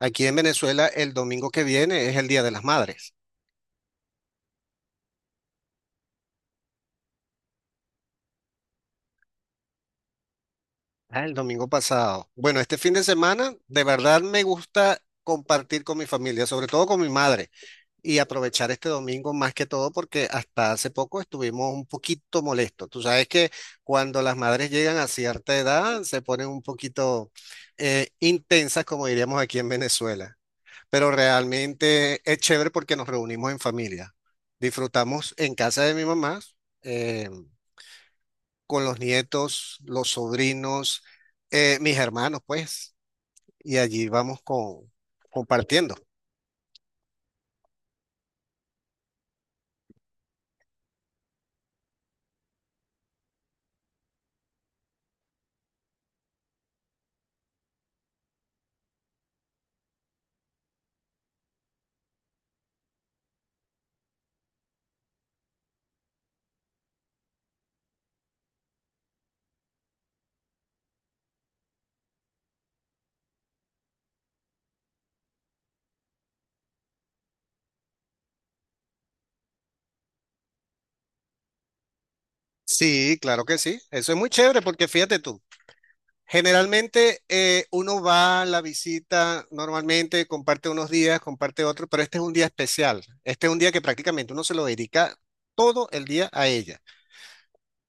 Aquí en Venezuela el domingo que viene es el Día de las Madres. Ah, el domingo pasado. Bueno, este fin de semana de verdad me gusta compartir con mi familia, sobre todo con mi madre, y aprovechar este domingo más que todo porque hasta hace poco estuvimos un poquito molestos. Tú sabes que cuando las madres llegan a cierta edad se ponen un poquito intensas, como diríamos aquí en Venezuela, pero realmente es chévere porque nos reunimos en familia. Disfrutamos en casa de mi mamá, eh, con los nietos, los sobrinos, mis hermanos, pues, y allí vamos compartiendo. Sí, claro que sí. Eso es muy chévere porque fíjate tú. Generalmente uno va a la visita normalmente, comparte unos días, comparte otros, pero este es un día especial. Este es un día que prácticamente uno se lo dedica todo el día a ella.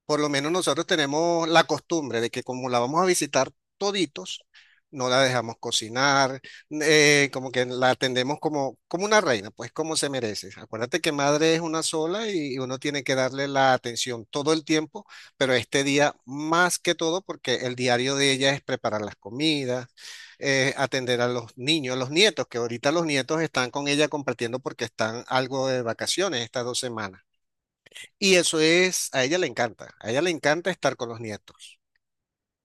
Por lo menos nosotros tenemos la costumbre de que como la vamos a visitar toditos, no la dejamos cocinar, como que la atendemos como una reina, pues como se merece. Acuérdate que madre es una sola y uno tiene que darle la atención todo el tiempo, pero este día más que todo porque el diario de ella es preparar las comidas, atender a los niños, los nietos, que ahorita los nietos están con ella compartiendo porque están algo de vacaciones estas 2 semanas. Y eso es, a ella le encanta, a ella le encanta estar con los nietos.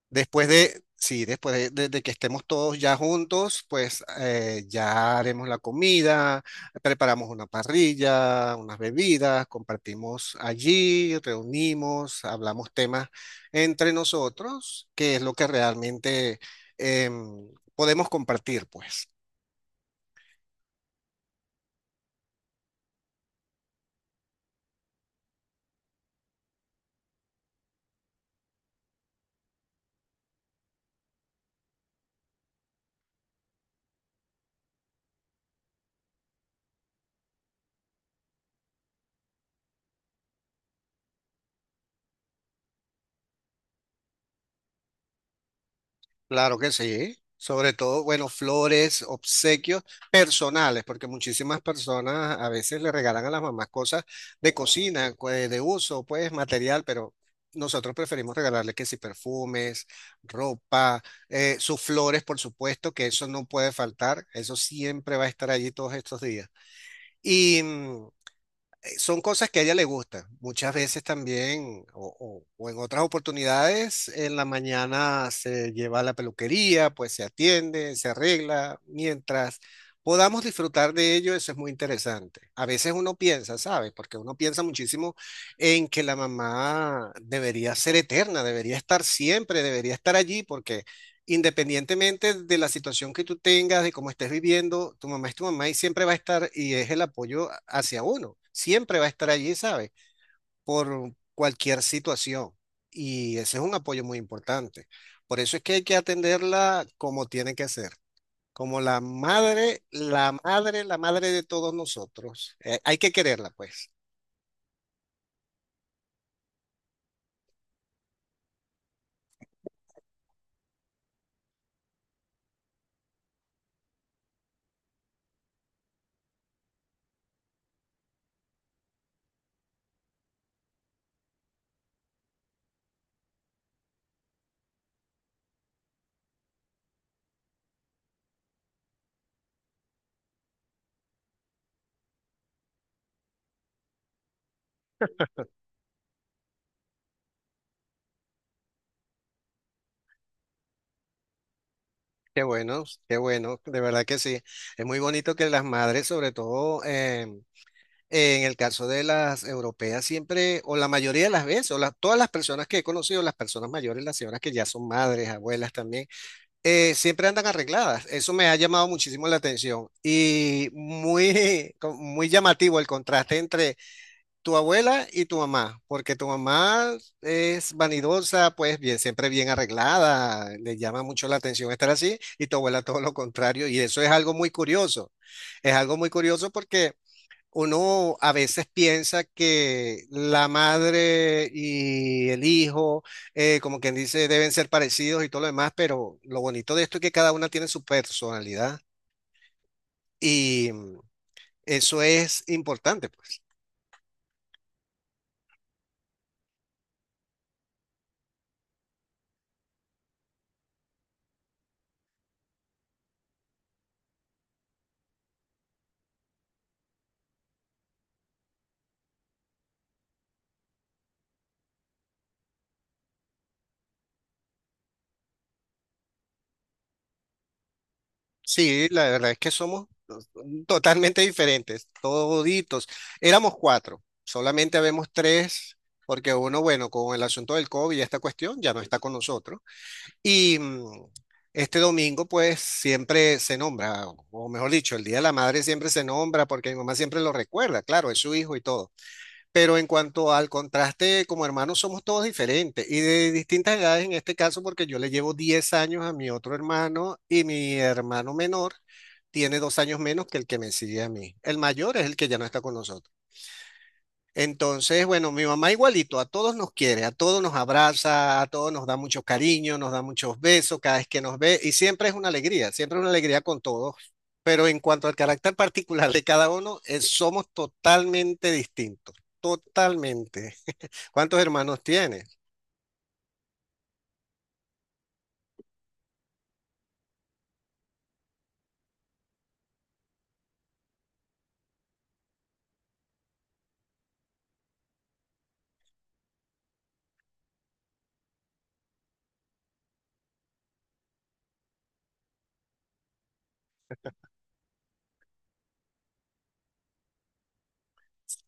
Después de, sí, después de, de que estemos todos ya juntos, pues ya haremos la comida, preparamos una parrilla, unas bebidas, compartimos allí, reunimos, hablamos temas entre nosotros, que es lo que realmente em, podemos compartir, pues. Claro que sí. Sobre todo, bueno, flores, obsequios personales, porque muchísimas personas a veces le regalan a las mamás cosas de cocina, pues, de uso, pues material, pero nosotros preferimos regalarle que si perfumes, ropa, sus flores, por supuesto, que eso no puede faltar, eso siempre va a estar allí todos estos días. Y son cosas que a ella le gustan. Muchas veces también, o en otras oportunidades, en la mañana se lleva a la peluquería, pues se atiende, se arregla, mientras podamos disfrutar de ello, eso es muy interesante. A veces uno piensa, ¿sabes? Porque uno piensa muchísimo en que la mamá debería ser eterna, debería estar siempre, debería estar allí, porque independientemente de la situación que tú tengas, de cómo estés viviendo, tu mamá es tu mamá y siempre va a estar y es el apoyo hacia uno. Siempre va a estar allí, ¿sabes? Por cualquier situación. Y ese es un apoyo muy importante. Por eso es que hay que atenderla como tiene que ser, como la madre, la madre, la madre de todos nosotros. Hay que quererla, pues. Qué bueno, de verdad que sí. Es muy bonito que las madres, sobre todo, en el caso de las europeas, siempre, o la mayoría de las veces, o todas las personas que he conocido, las personas mayores, las señoras que ya son madres, abuelas también, siempre andan arregladas. Eso me ha llamado muchísimo la atención y muy, muy llamativo el contraste entre tu abuela y tu mamá, porque tu mamá es vanidosa, pues bien, siempre bien arreglada, le llama mucho la atención estar así, y tu abuela todo lo contrario, y eso es algo muy curioso. Es algo muy curioso porque uno a veces piensa que la madre y el hijo, como quien dice, deben ser parecidos y todo lo demás, pero lo bonito de esto es que cada una tiene su personalidad y eso es importante, pues. Sí, la verdad es que somos totalmente diferentes, toditos. Éramos cuatro, solamente habemos tres, porque uno, bueno, con el asunto del COVID y esta cuestión, ya no está con nosotros. Y este domingo, pues, siempre se nombra, o mejor dicho, el Día de la Madre siempre se nombra porque mi mamá siempre lo recuerda, claro, es su hijo y todo. Pero en cuanto al contraste, como hermanos somos todos diferentes y de distintas edades en este caso, porque yo le llevo 10 años a mi otro hermano y mi hermano menor tiene 2 años menos que el que me sigue a mí. El mayor es el que ya no está con nosotros. Entonces, bueno, mi mamá igualito, a todos nos quiere, a todos nos abraza, a todos nos da mucho cariño, nos da muchos besos cada vez que nos ve y siempre es una alegría, siempre es una alegría con todos. Pero en cuanto al carácter particular de cada uno, somos totalmente distintos, totalmente. ¿Cuántos hermanos tienes?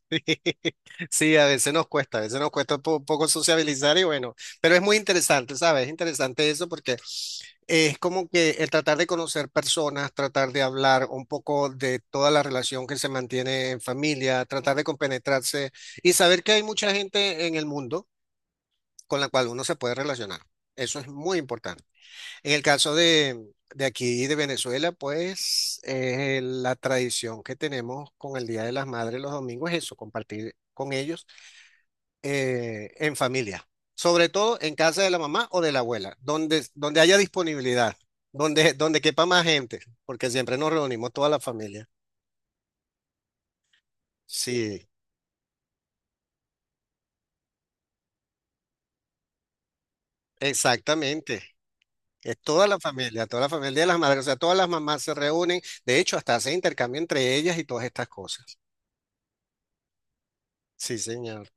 Sí, a veces nos cuesta, a veces nos cuesta un poco sociabilizar y bueno, pero es muy interesante, ¿sabes? Es interesante eso porque es como que el tratar de conocer personas, tratar de hablar un poco de toda la relación que se mantiene en familia, tratar de compenetrarse y saber que hay mucha gente en el mundo con la cual uno se puede relacionar. Eso es muy importante. En el caso de aquí, de Venezuela, pues la tradición que tenemos con el Día de las Madres los domingos es eso, compartir con ellos en familia, sobre todo en casa de la mamá o de la abuela, donde haya disponibilidad, donde quepa más gente, porque siempre nos reunimos toda la familia. Sí, exactamente. Es toda la familia de las madres, o sea, todas las mamás se reúnen, de hecho, hasta hacen intercambio entre ellas y todas estas cosas. Sí, señor.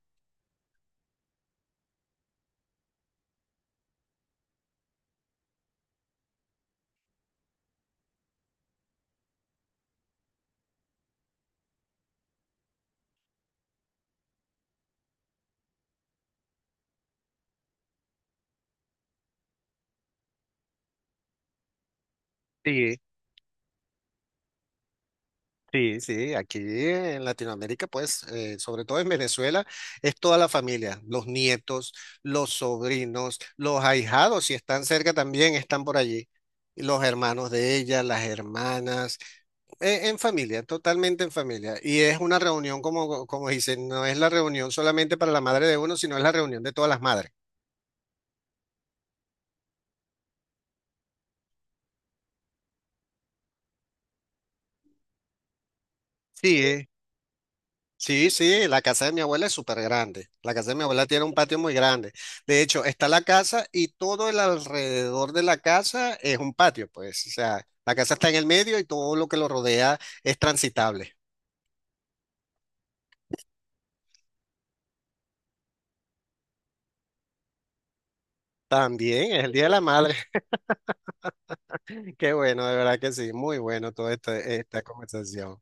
Sí. Sí, sí, aquí en Latinoamérica, pues, sobre todo en Venezuela, es toda la familia, los nietos, los sobrinos, los ahijados, si están cerca también, están por allí, y los hermanos de ella, las hermanas, en familia, totalmente en familia. Y es una reunión, como dicen, no es la reunión solamente para la madre de uno, sino es la reunión de todas las madres. Sí, Sí, sí, la casa de mi abuela es súper grande. La casa de mi abuela tiene un patio muy grande. De hecho, está la casa y todo el alrededor de la casa es un patio, pues. O sea, la casa está en el medio y todo lo que lo rodea es transitable. También es el Día de la Madre. Qué bueno, de verdad que sí. Muy bueno toda esta conversación.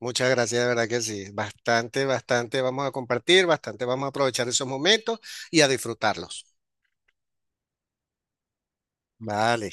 Muchas gracias, de verdad que sí. Bastante, bastante vamos a compartir, bastante vamos a aprovechar esos momentos y a disfrutarlos. Vale.